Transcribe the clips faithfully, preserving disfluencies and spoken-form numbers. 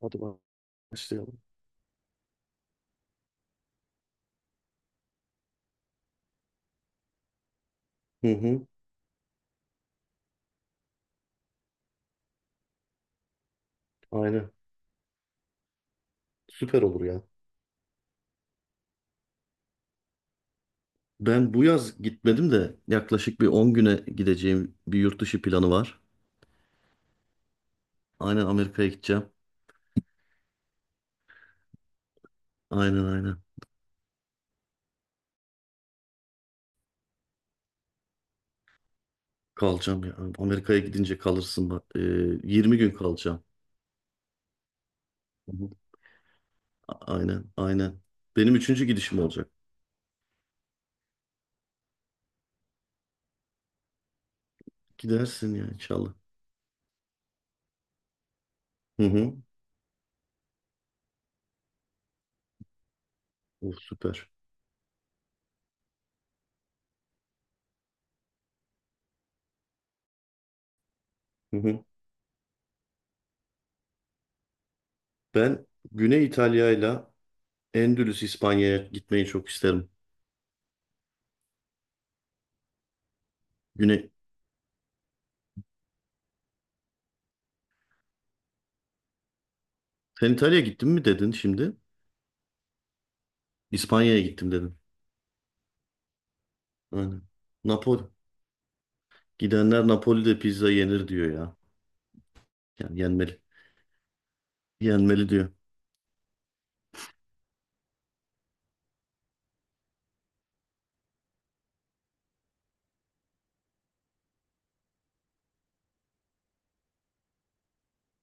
Hadi başlayalım. Hı hı, aynen. Süper olur ya. Ben bu yaz gitmedim de yaklaşık bir on güne gideceğim bir yurt dışı planı var. Aynen Amerika'ya gideceğim. Aynen aynen. Kalacağım ya. Amerika'ya gidince kalırsın bak. Ee, yirmi gün kalacağım. Hı hı. A- Aynen aynen. Benim üçüncü gidişim olacak. Gidersin ya inşallah. Hı hı. Oh, süper. Hı hı. Ben Güney İtalya'yla Endülüs İspanya'ya gitmeyi çok isterim. Güney. Sen İtalya'ya gittin mi dedin şimdi? İspanya'ya gittim dedim. Aynen. Napoli. Gidenler Napoli'de pizza yenir diyor ya. Yani yenmeli. Yenmeli diyor.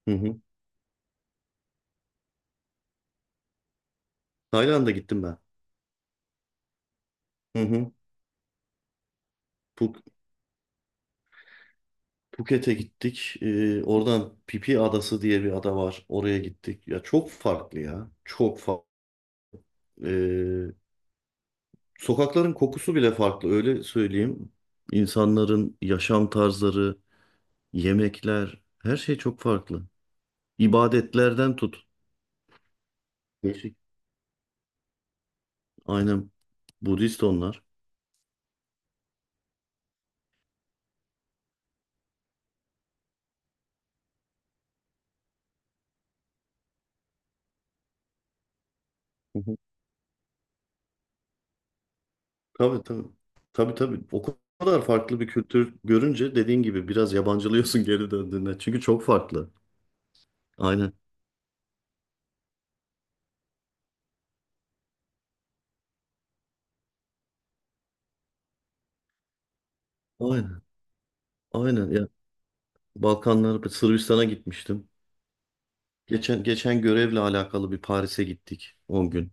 Hı hı. Tayland'a gittim ben. Hı hı. Phu- Phuket'e gittik. Ee, oradan Pipi Adası diye bir ada var. Oraya gittik. Ya çok farklı ya. Çok farklı. Sokakların kokusu bile farklı. Öyle söyleyeyim. İnsanların yaşam tarzları, yemekler, her şey çok farklı. İbadetlerden tut. Değişik. Aynen. Budist onlar. Tabii tabii. Tabii tabii. O kadar farklı bir kültür görünce dediğin gibi biraz yabancılıyorsun geri döndüğünde. Çünkü çok farklı. Aynen. Aynen. Aynen. Ya Balkanlar, Sırbistan'a gitmiştim. Geçen geçen görevle alakalı bir Paris'e gittik on gün.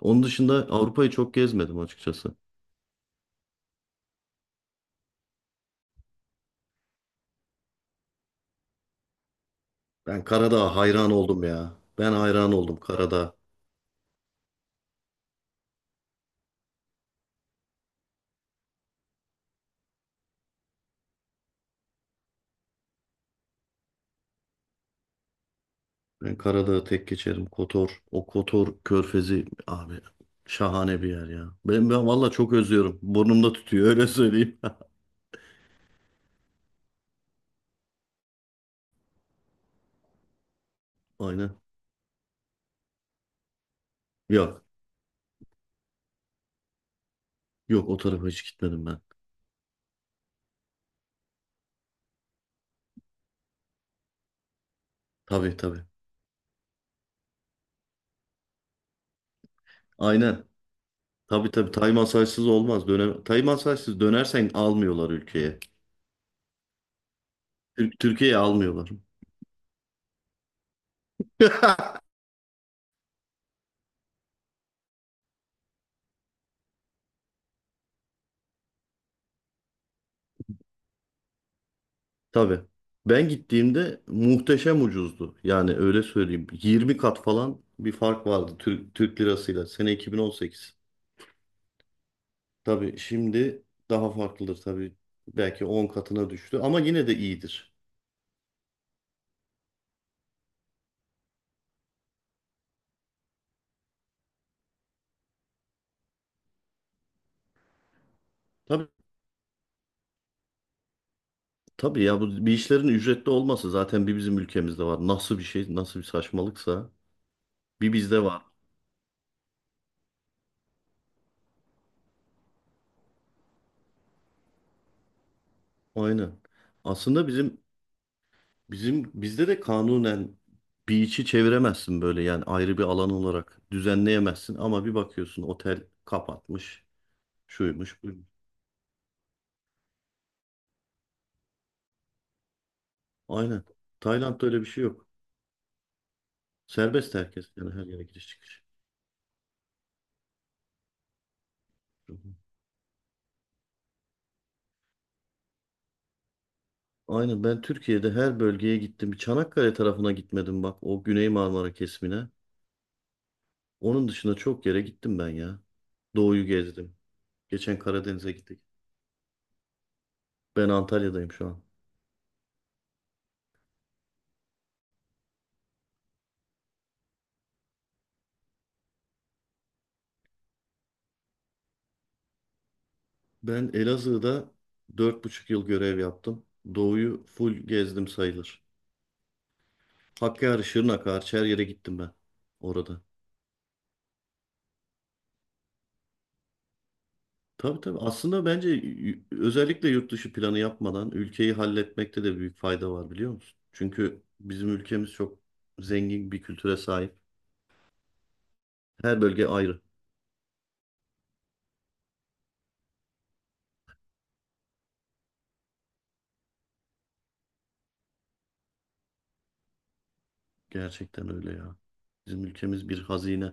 Onun dışında Avrupa'yı çok gezmedim açıkçası. Ben Karadağ'a hayran oldum ya. Ben hayran oldum Karadağ. Ben Karadağ'ı tek geçerim. Kotor, o Kotor körfezi abi şahane bir yer ya. Ben, ben valla çok özlüyorum. Burnumda tutuyor öyle söyleyeyim. Aynen. Yok. Yok o tarafa hiç gitmedim ben. Tabii tabii. Aynen. Tabii tabii. Tay masajsız olmaz. Döne Tay masajsız dönersen almıyorlar ülkeye. Türk Türkiye'ye almıyorlar. Tabii. Ben gittiğimde muhteşem ucuzdu. Yani öyle söyleyeyim. yirmi kat falan bir fark vardı Türk, Türk lirasıyla. Sene iki bin on sekiz. Tabii şimdi daha farklıdır tabii. Belki on katına düştü ama yine de iyidir. Tabii tabii ya bu bir işlerin ücretli olması zaten bir bizim ülkemizde var. Nasıl bir şey, nasıl bir saçmalıksa bir bizde var. Aynen. Aslında bizim bizim bizde de kanunen bir içi çeviremezsin böyle yani ayrı bir alan olarak düzenleyemezsin ama bir bakıyorsun otel kapatmış, şuymuş, buymuş. Aynen. Tayland'da öyle bir şey yok. Serbest herkes yani her yere giriş çıkış. Hı hı. Aynen ben Türkiye'de her bölgeye gittim. Bir Çanakkale tarafına gitmedim bak o Güney Marmara kesimine. Onun dışında çok yere gittim ben ya. Doğu'yu gezdim. Geçen Karadeniz'e gittik. Ben Antalya'dayım şu an. Ben Elazığ'da dört buçuk yıl görev yaptım. Doğu'yu full gezdim sayılır. Hakkari, Şırnak hariç her yere gittim ben orada. Tabii tabii. Aslında bence y- özellikle yurt dışı planı yapmadan ülkeyi halletmekte de büyük fayda var biliyor musun? Çünkü bizim ülkemiz çok zengin bir kültüre sahip. Her bölge ayrı. Gerçekten öyle ya. Bizim ülkemiz bir hazine.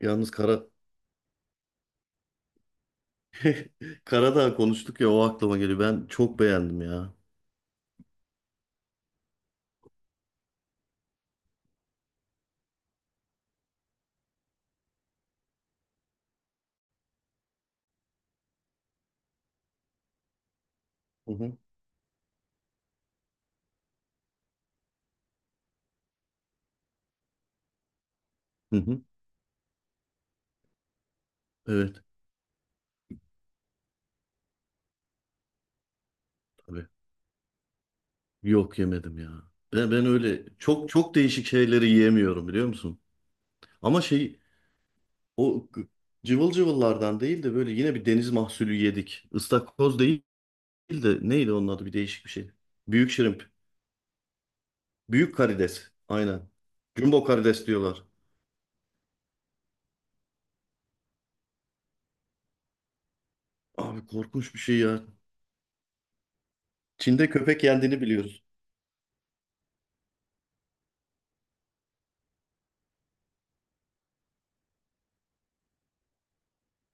Yalnız kara, Karadağ konuştuk ya o aklıma geliyor. Ben çok beğendim ya. Hı hı. Hı hı. Evet tabii. Yok yemedim ya. Ben, ben öyle çok çok değişik şeyleri yiyemiyorum biliyor musun? Ama şey o g- cıvıl cıvıllardan değil de böyle yine bir deniz mahsulü yedik. Istakoz değil de neydi onun adı bir değişik bir şey. Büyük şirimp. Büyük karides. Aynen. Jumbo karides diyorlar. Abi korkunç bir şey ya. Çin'de köpek yendiğini biliyoruz.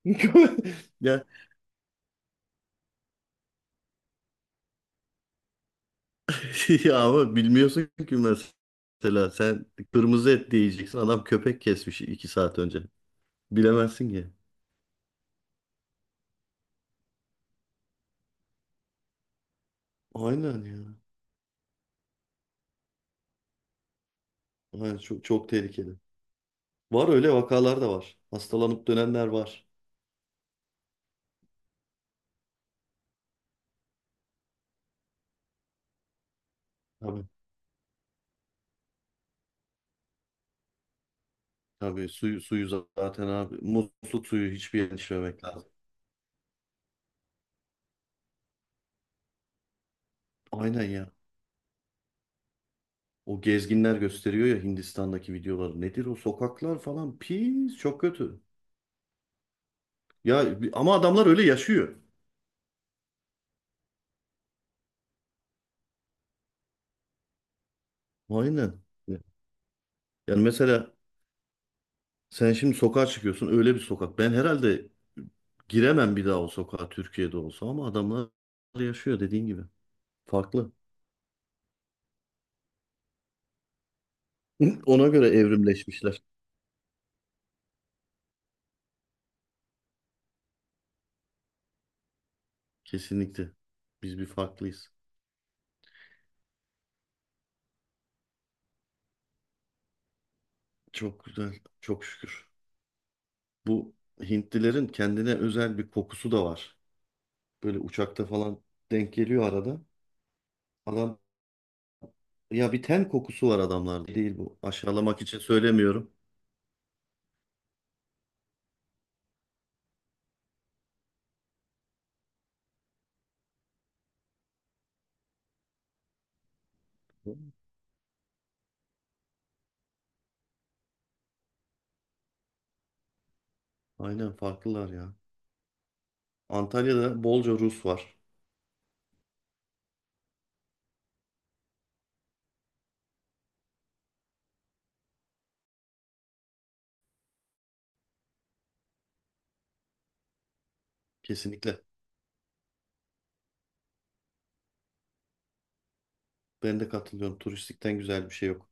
Ya ya ama bilmiyorsun ki mesela sen kırmızı et diyeceksin adam köpek kesmiş iki saat önce. Bilemezsin ki. Aynen ya. Aynen, çok, çok tehlikeli. Var öyle vakalar da var. Hastalanıp dönenler var. Tabii. Tabii suyu, suyu zaten abi. Musluk suyu hiçbir yere içmemek lazım. Aynen ya. O gezginler gösteriyor ya Hindistan'daki videoları. Nedir o sokaklar falan pis çok kötü. Ya bi- ama adamlar öyle yaşıyor. Aynen. Yani mesela sen şimdi sokağa çıkıyorsun öyle bir sokak. Ben herhalde giremem bir daha o sokağa Türkiye'de olsa ama adamlar yaşıyor dediğin gibi. Farklı. Ona göre evrimleşmişler. Kesinlikle. Biz bir farklıyız. Çok güzel. Çok şükür. Bu Hintlilerin kendine özel bir kokusu da var. Böyle uçakta falan denk geliyor arada. Adam ya bir ten kokusu var adamlarda değil bu. Aşağılamak için söylemiyorum. Aynen farklılar ya. Antalya'da bolca Rus var. Kesinlikle. Ben de katılıyorum. Turistikten güzel bir şey yok.